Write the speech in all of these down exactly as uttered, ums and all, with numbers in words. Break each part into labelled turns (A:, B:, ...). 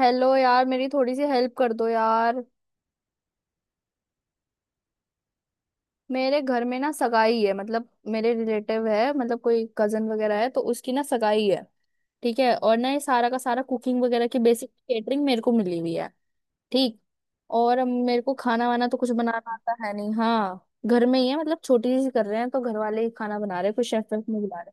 A: Hello यार, मेरी थोड़ी सी हेल्प कर दो यार। मेरे घर में ना सगाई है, मतलब मेरे रिलेटिव है, मतलब कोई कजन वगैरह है तो उसकी ना सगाई है। ठीक है। और ना ये सारा का सारा कुकिंग वगैरह की बेसिक केटरिंग मेरे को मिली हुई है। ठीक। और अब मेरे को खाना वाना तो कुछ बनाना आता है नहीं। हाँ, घर में ही है, मतलब छोटी सी कर रहे हैं तो घर वाले ही खाना बना रहे हैं, कुछ शेफ वेफ नहीं बुला रहे।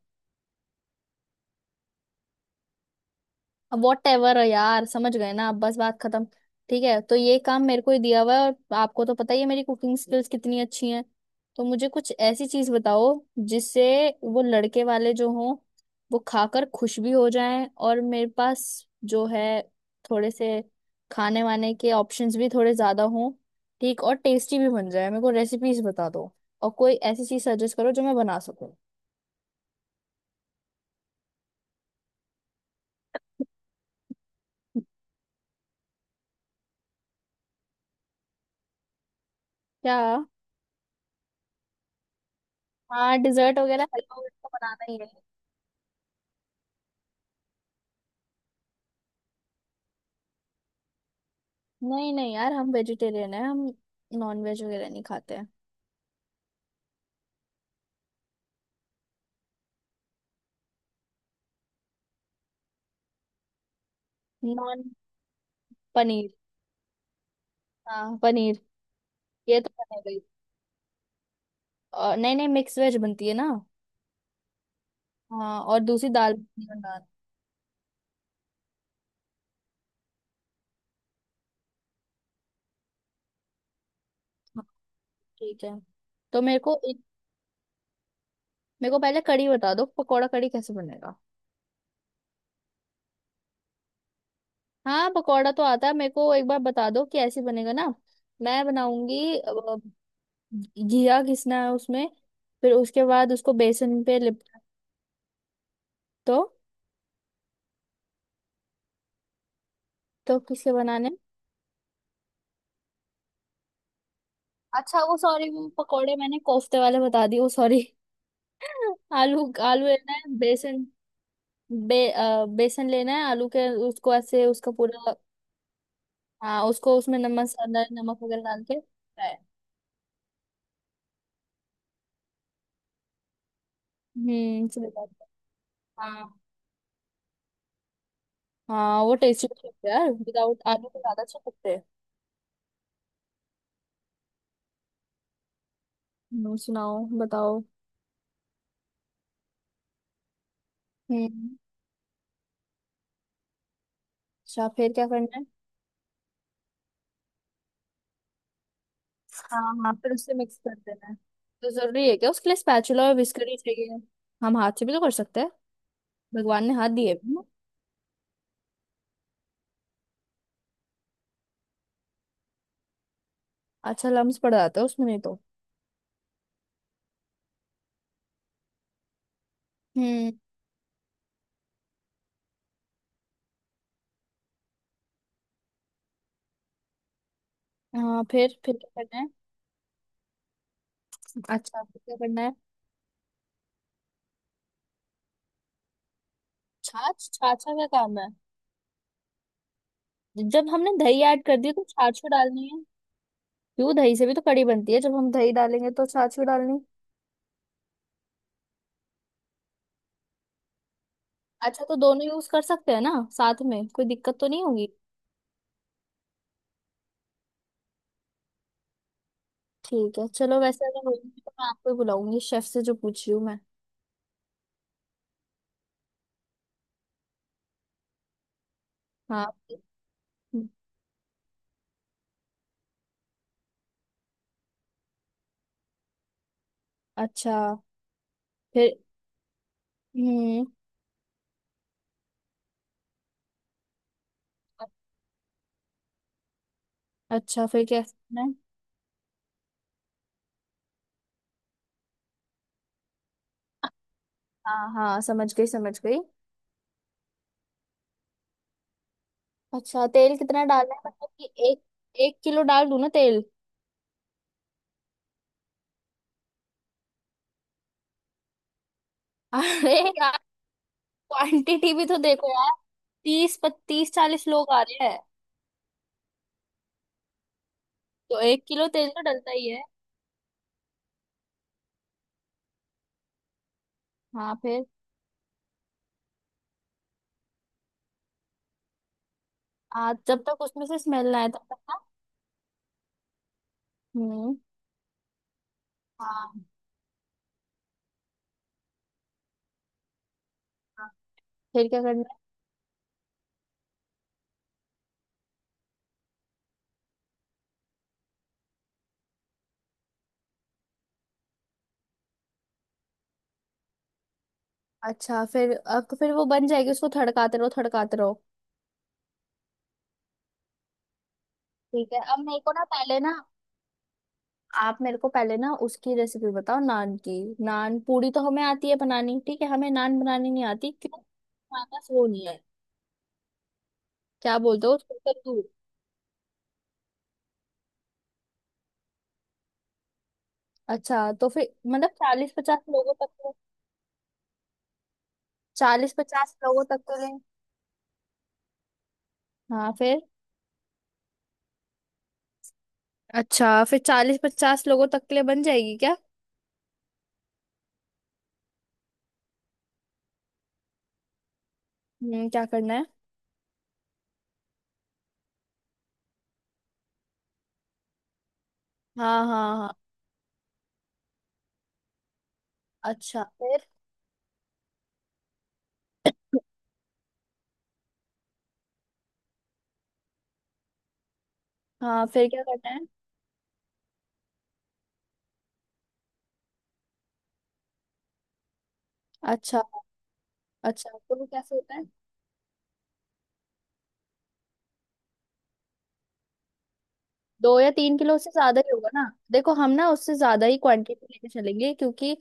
A: वॉट एवर यार, समझ गए ना आप, बस बात खत्म। ठीक है, तो ये काम मेरे को ही दिया हुआ है, और आपको तो पता ही है मेरी कुकिंग स्किल्स कितनी अच्छी हैं। तो मुझे कुछ ऐसी चीज बताओ जिससे वो लड़के वाले जो हों वो खाकर खुश भी हो जाएं, और मेरे पास जो है थोड़े से खाने वाने के ऑप्शंस भी थोड़े ज्यादा हों। ठीक। और टेस्टी भी बन जाए। मेरे को रेसिपीज बता दो और कोई ऐसी चीज सजेस्ट करो जो मैं बना सकूं। क्या? हाँ, डिजर्ट वगैरह हलवा वगैरह तो बनाना ही है। नहीं नहीं यार, हम वेजिटेरियन है हम, नॉन वेज वगैरह नहीं खाते हैं। नॉन, पनीर। हाँ, पनीर। ये तो बने गई। और नहीं नहीं, मिक्स वेज बनती है ना। हाँ, और दूसरी दाल मखनी बनाना। ठीक है। तो मेरे को मेरे को पहले कड़ी बता दो, पकौड़ा कड़ी कैसे बनेगा। हाँ, पकौड़ा तो आता है मेरे को, एक बार बता दो कि ऐसे बनेगा ना, मैं बनाऊंगी। अ, घिया घिसना है उसमें, फिर उसके बाद उसको बेसन पे लिपटा तो। तो किसके बनाने। अच्छा वो सॉरी, वो पकोड़े मैंने कोफ्ते वाले बता दिए, वो सॉरी। आलू, आलू लेना है बेसन। बे अ, बेसन लेना है, आलू के, उसको ऐसे उसका पूरा। हाँ, उसको उसमें नमक मसाला नमक वगैरह डाल के फ्राई। हम्म, सुबह बात है। हाँ हाँ, वो टेस्टी लगता है यार, विदाउट आलू के ज्यादा अच्छे लगते हैं। हम्म, सुनाओ, बताओ। हम्म। अच्छा फिर क्या करना है। हाँ हाँ, फिर उससे मिक्स कर देना है। तो जरूरी है क्या, उसके लिए स्पैचुला और विस्कर ही चाहिए? हम हाथ से भी तो कर सकते हैं, भगवान ने हाथ दिए। अच्छा लम्स पड़ जाता है उसमें नहीं तो। हम्म। हाँ, फिर फिर क्या करना है। अच्छा फिर क्या करना है। छाछ, छाछा का काम है? जब हमने दही ऐड कर दी तो छाछ भी डालनी है? क्यों, दही से भी तो कड़ी बनती है, जब हम दही डालेंगे तो छाछ भी डालनी। अच्छा तो दोनों यूज कर सकते हैं ना साथ में, कोई दिक्कत तो नहीं होगी? ठीक है चलो, वैसे अगर होगी तो मैं आपको ही बुलाऊंगी, शेफ से जो पूछ रही हूँ मैं। हाँ। हम्म। अच्छा फिर। हम्म। अच्छा फिर क्या करना है? हाँ हाँ, समझ गई समझ गई। अच्छा तेल कितना डालना है, मतलब कि एक एक किलो डाल दूं ना तेल। अरे यार, क्वांटिटी भी तो देखो यार, तीस पत्तीस चालीस लोग आ रहे हैं, तो एक किलो तेल तो डलता ही है। हाँ फिर। आ, जब तक उसमें से स्मेल ना आए तब तक ना। हम्म। हाँ। हाँ। फिर क्या करना है। अच्छा फिर अब तो फिर वो बन जाएगी, उसको थड़काते रहो थड़काते रहो। ठीक है। अब मेरे को ना पहले ना आप मेरे को पहले ना उसकी रेसिपी बताओ नान की। नान पूरी तो हमें आती है बनानी, ठीक है हमें नान बनानी नहीं आती, क्यों? हमारे पास वो नहीं है। क्या बोलते हो? टोटल दूर। अच्छा तो फिर मतलब चालीस पचास लोगों तक तो, चालीस पचास लोगों तक के लिए। हाँ फिर। अच्छा फिर चालीस पचास लोगों तक के लिए बन जाएगी क्या? हम्म, क्या करना है। हाँ हाँ हाँ। अच्छा फिर। हाँ फिर क्या करना है। अच्छा। अच्छा तो वो कैसे होता है? दो या तीन किलो, उससे ज्यादा ही होगा ना? देखो हम ना उससे ज्यादा ही क्वांटिटी लेके चलेंगे, क्योंकि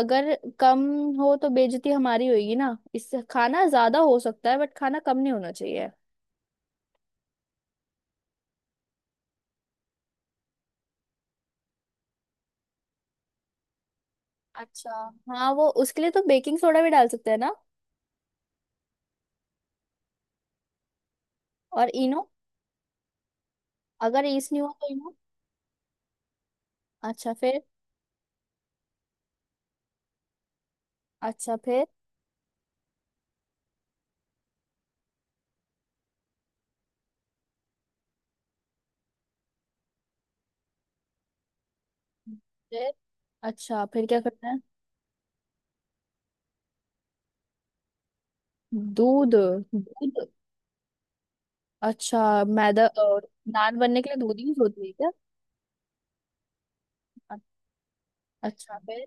A: अगर कम हो तो बेइज्जती हमारी होगी ना, इससे खाना ज्यादा हो सकता है बट खाना कम नहीं होना चाहिए। अच्छा। हाँ, वो उसके लिए तो बेकिंग सोडा भी डाल सकते हैं ना, और इनो। अगर ईस नहीं हुआ तो इनो। अच्छा फिर। अच्छा फिर फिर। अच्छा फिर क्या करना है। दूध, दूध। अच्छा मैदा, और नान बनने के लिए दूध यूज होती है क्या? अ- अच्छा फिर।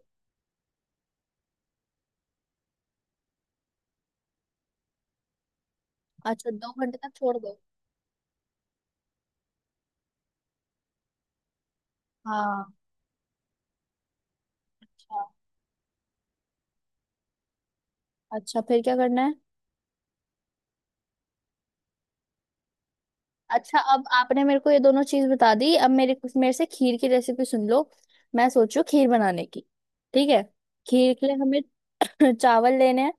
A: अच्छा दो घंटे तक छोड़ दो। हाँ। अच्छा। अच्छा फिर क्या करना है। अच्छा अब आपने मेरे को ये दोनों चीज बता दी, अब मेरे मेरे से खीर की रेसिपी सुन लो, मैं सोचू खीर बनाने की। ठीक है। खीर के लिए हमें चावल लेने हैं,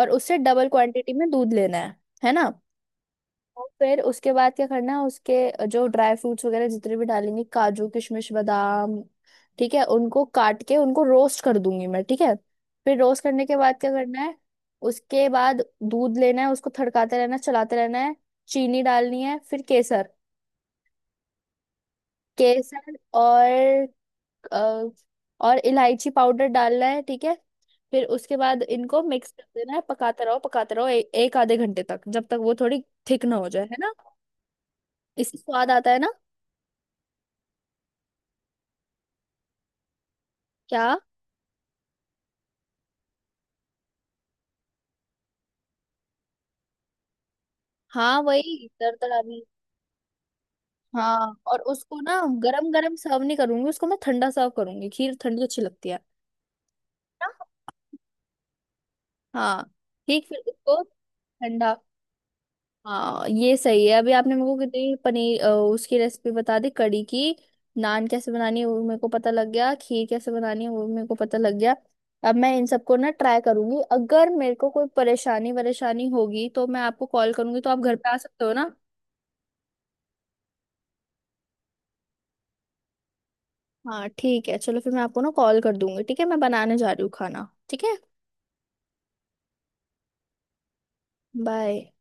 A: और उससे डबल क्वांटिटी में दूध लेना है है ना। और फिर उसके बाद क्या करना है, उसके जो ड्राई फ्रूट्स वगैरह जितने भी डालेंगे, काजू किशमिश बादाम, ठीक है, उनको काट के उनको रोस्ट कर दूंगी मैं। ठीक है। फिर रोस्ट करने के बाद क्या करना है, उसके बाद दूध लेना है, उसको थड़काते रहना है, चलाते रहना है, चीनी डालनी है, फिर केसर, केसर और अ, और इलायची पाउडर डालना है, ठीक है। फिर उसके बाद इनको मिक्स कर देना है, पकाते रहो पकाते रहो ए, एक आधे घंटे तक, जब तक वो थोड़ी थिक ना हो जाए, है ना। इससे स्वाद आता है ना। क्या? हाँ वही दरदरा भी। हाँ, और उसको ना गरम गरम सर्व नहीं करूंगी, उसको मैं ठंडा सर्व करूंगी, खीर ठंडी अच्छी लगती है ना? हाँ। ठीक, फिर उसको ठंडा। हाँ ये सही है। अभी आपने मेरे को कितनी पनीर अ, उसकी रेसिपी बता दी, कड़ी की। नान कैसे बनानी है वो मेरे को पता लग गया, खीर कैसे बनानी है वो मेरे को पता लग गया। अब मैं इन सबको ना ट्राई करूंगी, अगर मेरे को कोई परेशानी वरेशानी होगी तो मैं आपको कॉल करूंगी, तो आप घर पे आ सकते हो ना। हाँ ठीक है, चलो फिर मैं आपको ना कॉल कर दूंगी, ठीक है मैं बनाने जा रही हूँ खाना, ठीक है बाय।